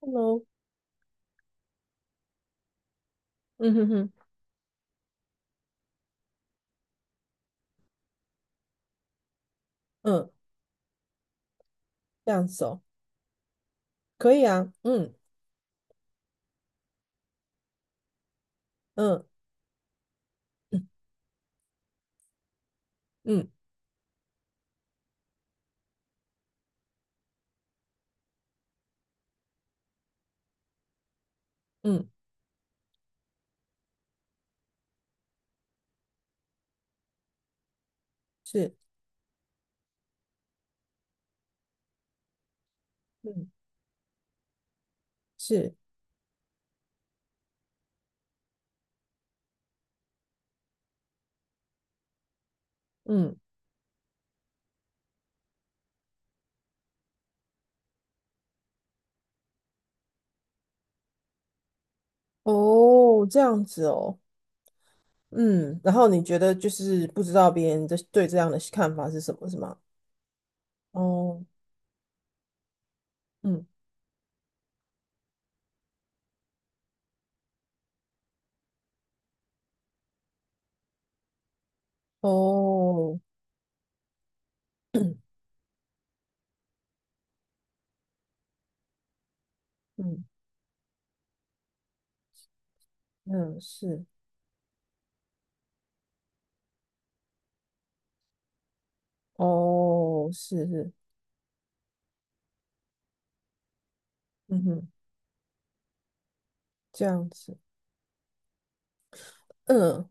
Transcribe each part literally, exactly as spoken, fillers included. Hello，嗯哼哼，嗯，这样子哦，可以啊，嗯嗯嗯嗯嗯，是，嗯是，嗯，哦，这样子哦，嗯，然后你觉得就是不知道别人的对这样的看法是什么，是吗？哦，嗯，哦，嗯嗯，是，哦，是是，嗯哼，这样子，嗯，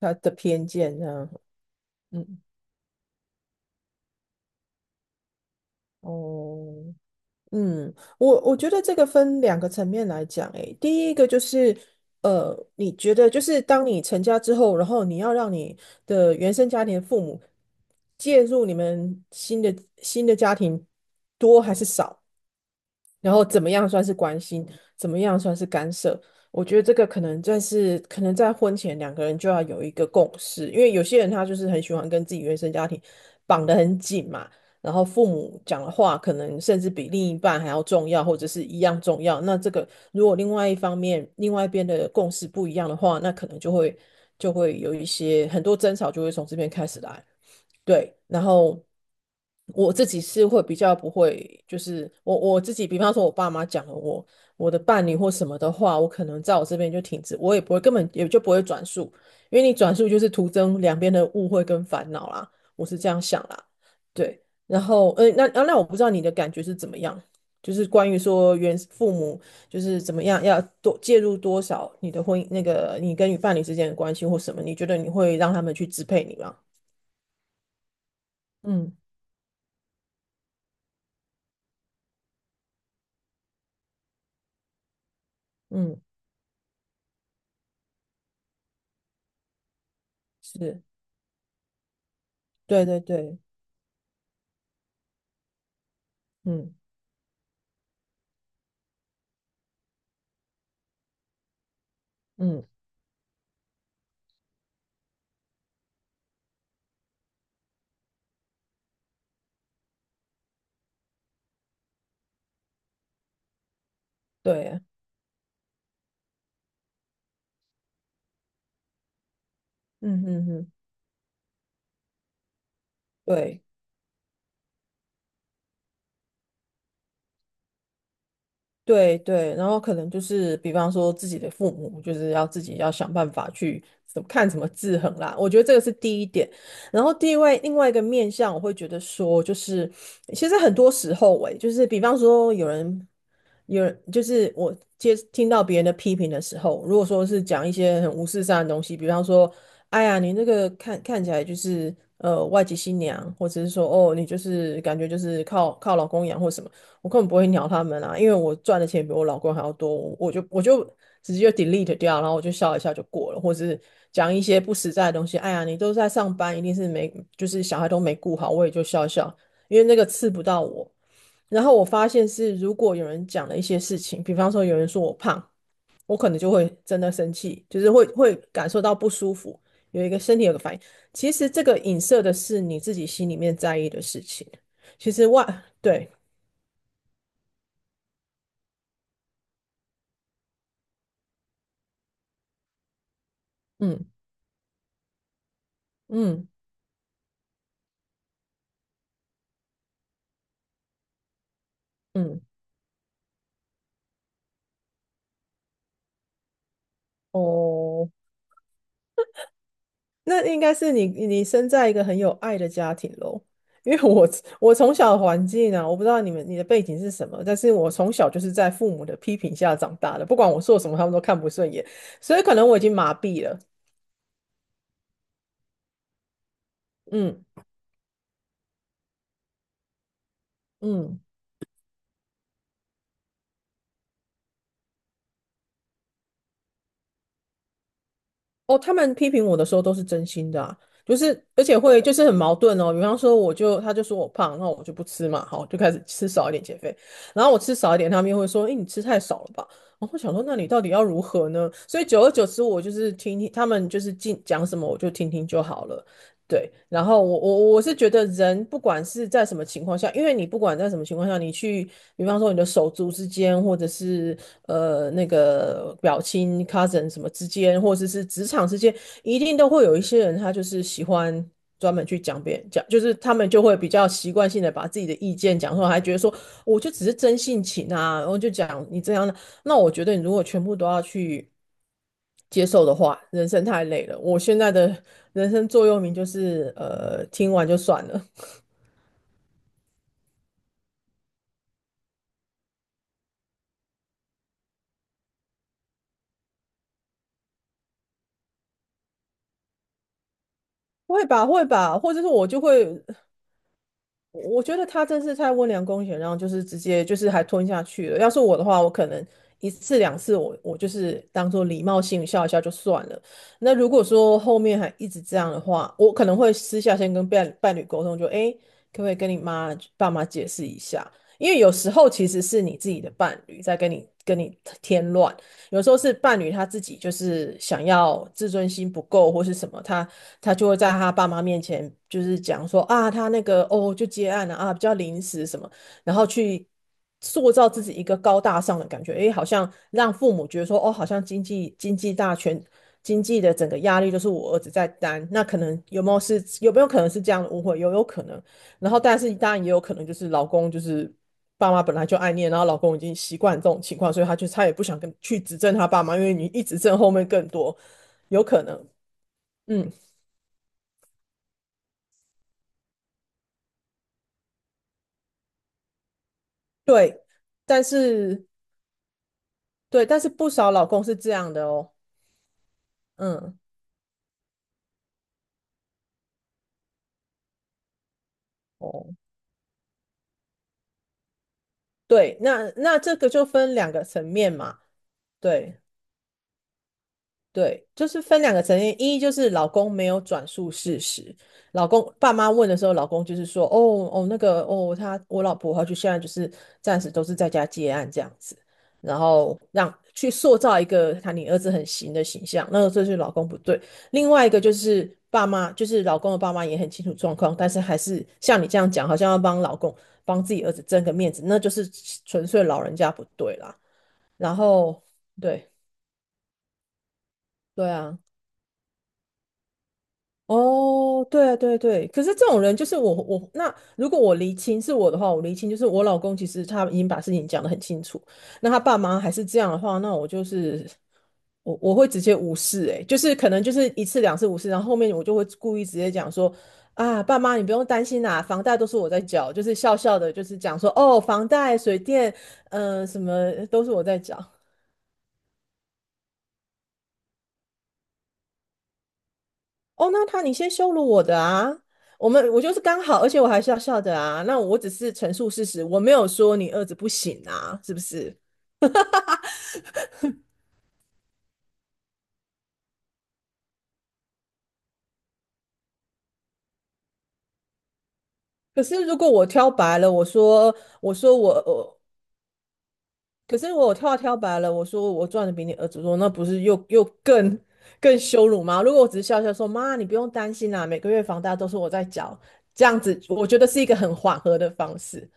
他的偏见这样，嗯，哦。嗯，我我觉得这个分两个层面来讲，诶，第一个就是，呃，你觉得就是当你成家之后，然后你要让你的原生家庭的父母介入你们新的新的家庭多还是少？然后怎么样算是关心，怎么样算是干涉？我觉得这个可能在是可能在婚前两个人就要有一个共识，因为有些人他就是很喜欢跟自己原生家庭绑得很紧嘛，然后父母讲的话可能甚至比另一半还要重要，或者是一样重要。那这个如果另外一方面另外一边的共识不一样的话，那可能就会就会有一些很多争吵就会从这边开始来。对，然后我自己是会比较不会，就是我我自己，比方说我爸妈讲了我我的伴侣或什么的话，我可能在我这边就停止，我也不会根本也就不会转述，因为你转述就是徒增两边的误会跟烦恼啦，我是这样想啦，对，然后呃，那啊那我不知道你的感觉是怎么样，就是关于说原父母就是怎么样要多介入多少你的婚姻那个你跟你伴侣之间的关系或什么，你觉得你会让他们去支配你吗？嗯嗯。是，对对对，嗯嗯，对啊，嗯嗯嗯，对。对对，然后可能就是比方说自己的父母，就是要自己要想办法去怎么看怎么制衡啦。我觉得这个是第一点。然后第二位另外一个面向，我会觉得说，就是其实很多时候欸、诶就是比方说有人有人，就是我接听到别人的批评的时候，如果说是讲一些很无事上的东西，比方说，哎呀，你那个看看起来就是呃外籍新娘，或者是说哦，你就是感觉就是靠靠老公养或什么。我根本不会鸟他们啊，因为我赚的钱比我老公还要多，我我就我就直接就 delete 掉，然后我就笑一下就过了，或是讲一些不实在的东西。哎呀，你都在上班，一定是没就是小孩都没顾好，我也就笑一笑，因为那个刺不到我。然后我发现是，如果有人讲了一些事情，比方说有人说我胖，我可能就会真的生气，就是会会感受到不舒服，有一个身体有个反应。其实这个影射的是你自己心里面在意的事情。其实外，对，嗯嗯。嗯，哦，那应该是你你生在一个很有爱的家庭喽。因为我我从小的环境啊，我不知道你们你的背景是什么，但是我从小就是在父母的批评下长大的，不管我做什么，他们都看不顺眼，所以可能我已经麻痹了。嗯嗯。哦，他们批评我的时候都是真心的啊，就是而且会就是很矛盾哦。比方说，我就他就说我胖，那我就不吃嘛，好，就开始吃少一点减肥。然后我吃少一点，他们又会说，哎，你吃太少了吧？然后我想说，那你到底要如何呢？所以久而久之，我就是听听他们就是进讲什么，我就听听就好了。对，然后我我我是觉得人不管是在什么情况下，因为你不管在什么情况下，你去，比方说你的手足之间，或者是呃那个表亲 cousin 什么之间，或者是职场之间，一定都会有一些人他就是喜欢专门去讲别人讲，就是他们就会比较习惯性的把自己的意见讲出来，还觉得说我就只是真性情啊，然后就讲你这样的，那我觉得你如果全部都要去。接受的话，人生太累了。我现在的人生座右铭就是，呃，听完就算了，会吧，会吧，或者是我就会，我我觉得他真是太温良恭俭让，就是直接就是还吞下去了。要是我的话，我可能一次两次我，我就是当做礼貌性笑一下就算了。那如果说后面还一直这样的话，我可能会私下先跟伴伴侣沟通，就诶，可不可以跟你妈爸妈解释一下？因为有时候其实是你自己的伴侣在跟你跟你添乱。有时候是伴侣他自己就是想要自尊心不够或是什么，他他就会在他爸妈面前就是讲说啊，他那个哦就接案了啊，比较临时什么，然后去塑造自己一个高大上的感觉，诶，好像让父母觉得说哦，好像经济经济大权。经济的整个压力都是我儿子在担，那可能有没有是有没有可能是这样的误会？有有可能，然后但是当然也有可能就是老公就是爸妈本来就爱念，然后老公已经习惯这种情况，所以他就他也不想跟去指正他爸妈，因为你一直正后面更多，有可能，嗯，对，但是对，但是不少老公是这样的哦，嗯，哦，对，那那这个就分两个层面嘛，对。对，就是分两个层面，一就是老公没有转述事实，老公爸妈问的时候，老公就是说，哦哦那个哦，他我老婆她就现在就是暂时都是在家接案这样子，然后让去塑造一个他你儿子很行的形象，那个这就是老公不对。另外一个就是爸妈，就是老公的爸妈也很清楚状况，但是还是像你这样讲，好像要帮老公帮自己儿子争个面子，那就是纯粹老人家不对啦。然后对对啊。哦，对对对，可是这种人就是我我那如果我离亲是我的话，我离亲就是我老公其实他已经把事情讲得很清楚，那他爸妈还是这样的话，那我就是我我会直接无视、欸，诶，就是可能就是一次两次无视，然后后面我就会故意直接讲说啊，爸妈你不用担心啦、房贷都是我在缴，就是笑笑的，就是讲说哦，房贷、水电，嗯、什么都是我在缴，哦，那他你先羞辱我的啊！我们我就是刚好，而且我还笑笑的啊。那我只是陈述事实，我没有说你儿子不行啊，是不是？可是如果我挑白了，我说我说我我，可是我挑挑白了，我说我赚的比你儿子多，那不是又又更更羞辱吗？如果我只是笑笑说妈，你不用担心啦、每个月房贷都是我在缴，这样子我觉得是一个很缓和的方式。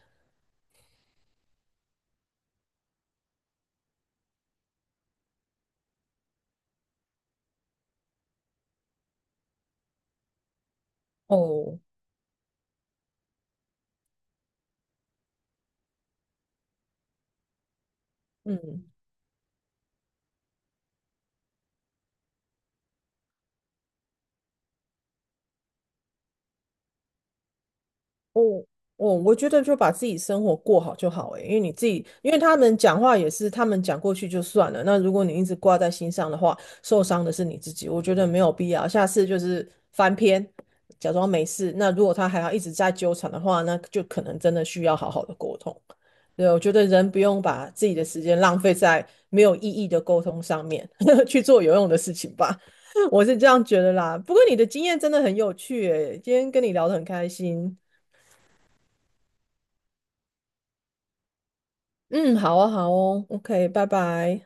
哦，嗯，哦，哦，我觉得就把自己生活过好就好诶，因为你自己，因为他们讲话也是他们讲过去就算了。那如果你一直挂在心上的话，受伤的是你自己，我觉得没有必要。下次就是翻篇，假装没事。那如果他还要一直在纠缠的话，那就可能真的需要好好的沟通。对，我觉得人不用把自己的时间浪费在没有意义的沟通上面，去做有用的事情吧。我是这样觉得啦。不过你的经验真的很有趣诶，今天跟你聊得很开心。嗯，好啊，好哦，OK，拜拜。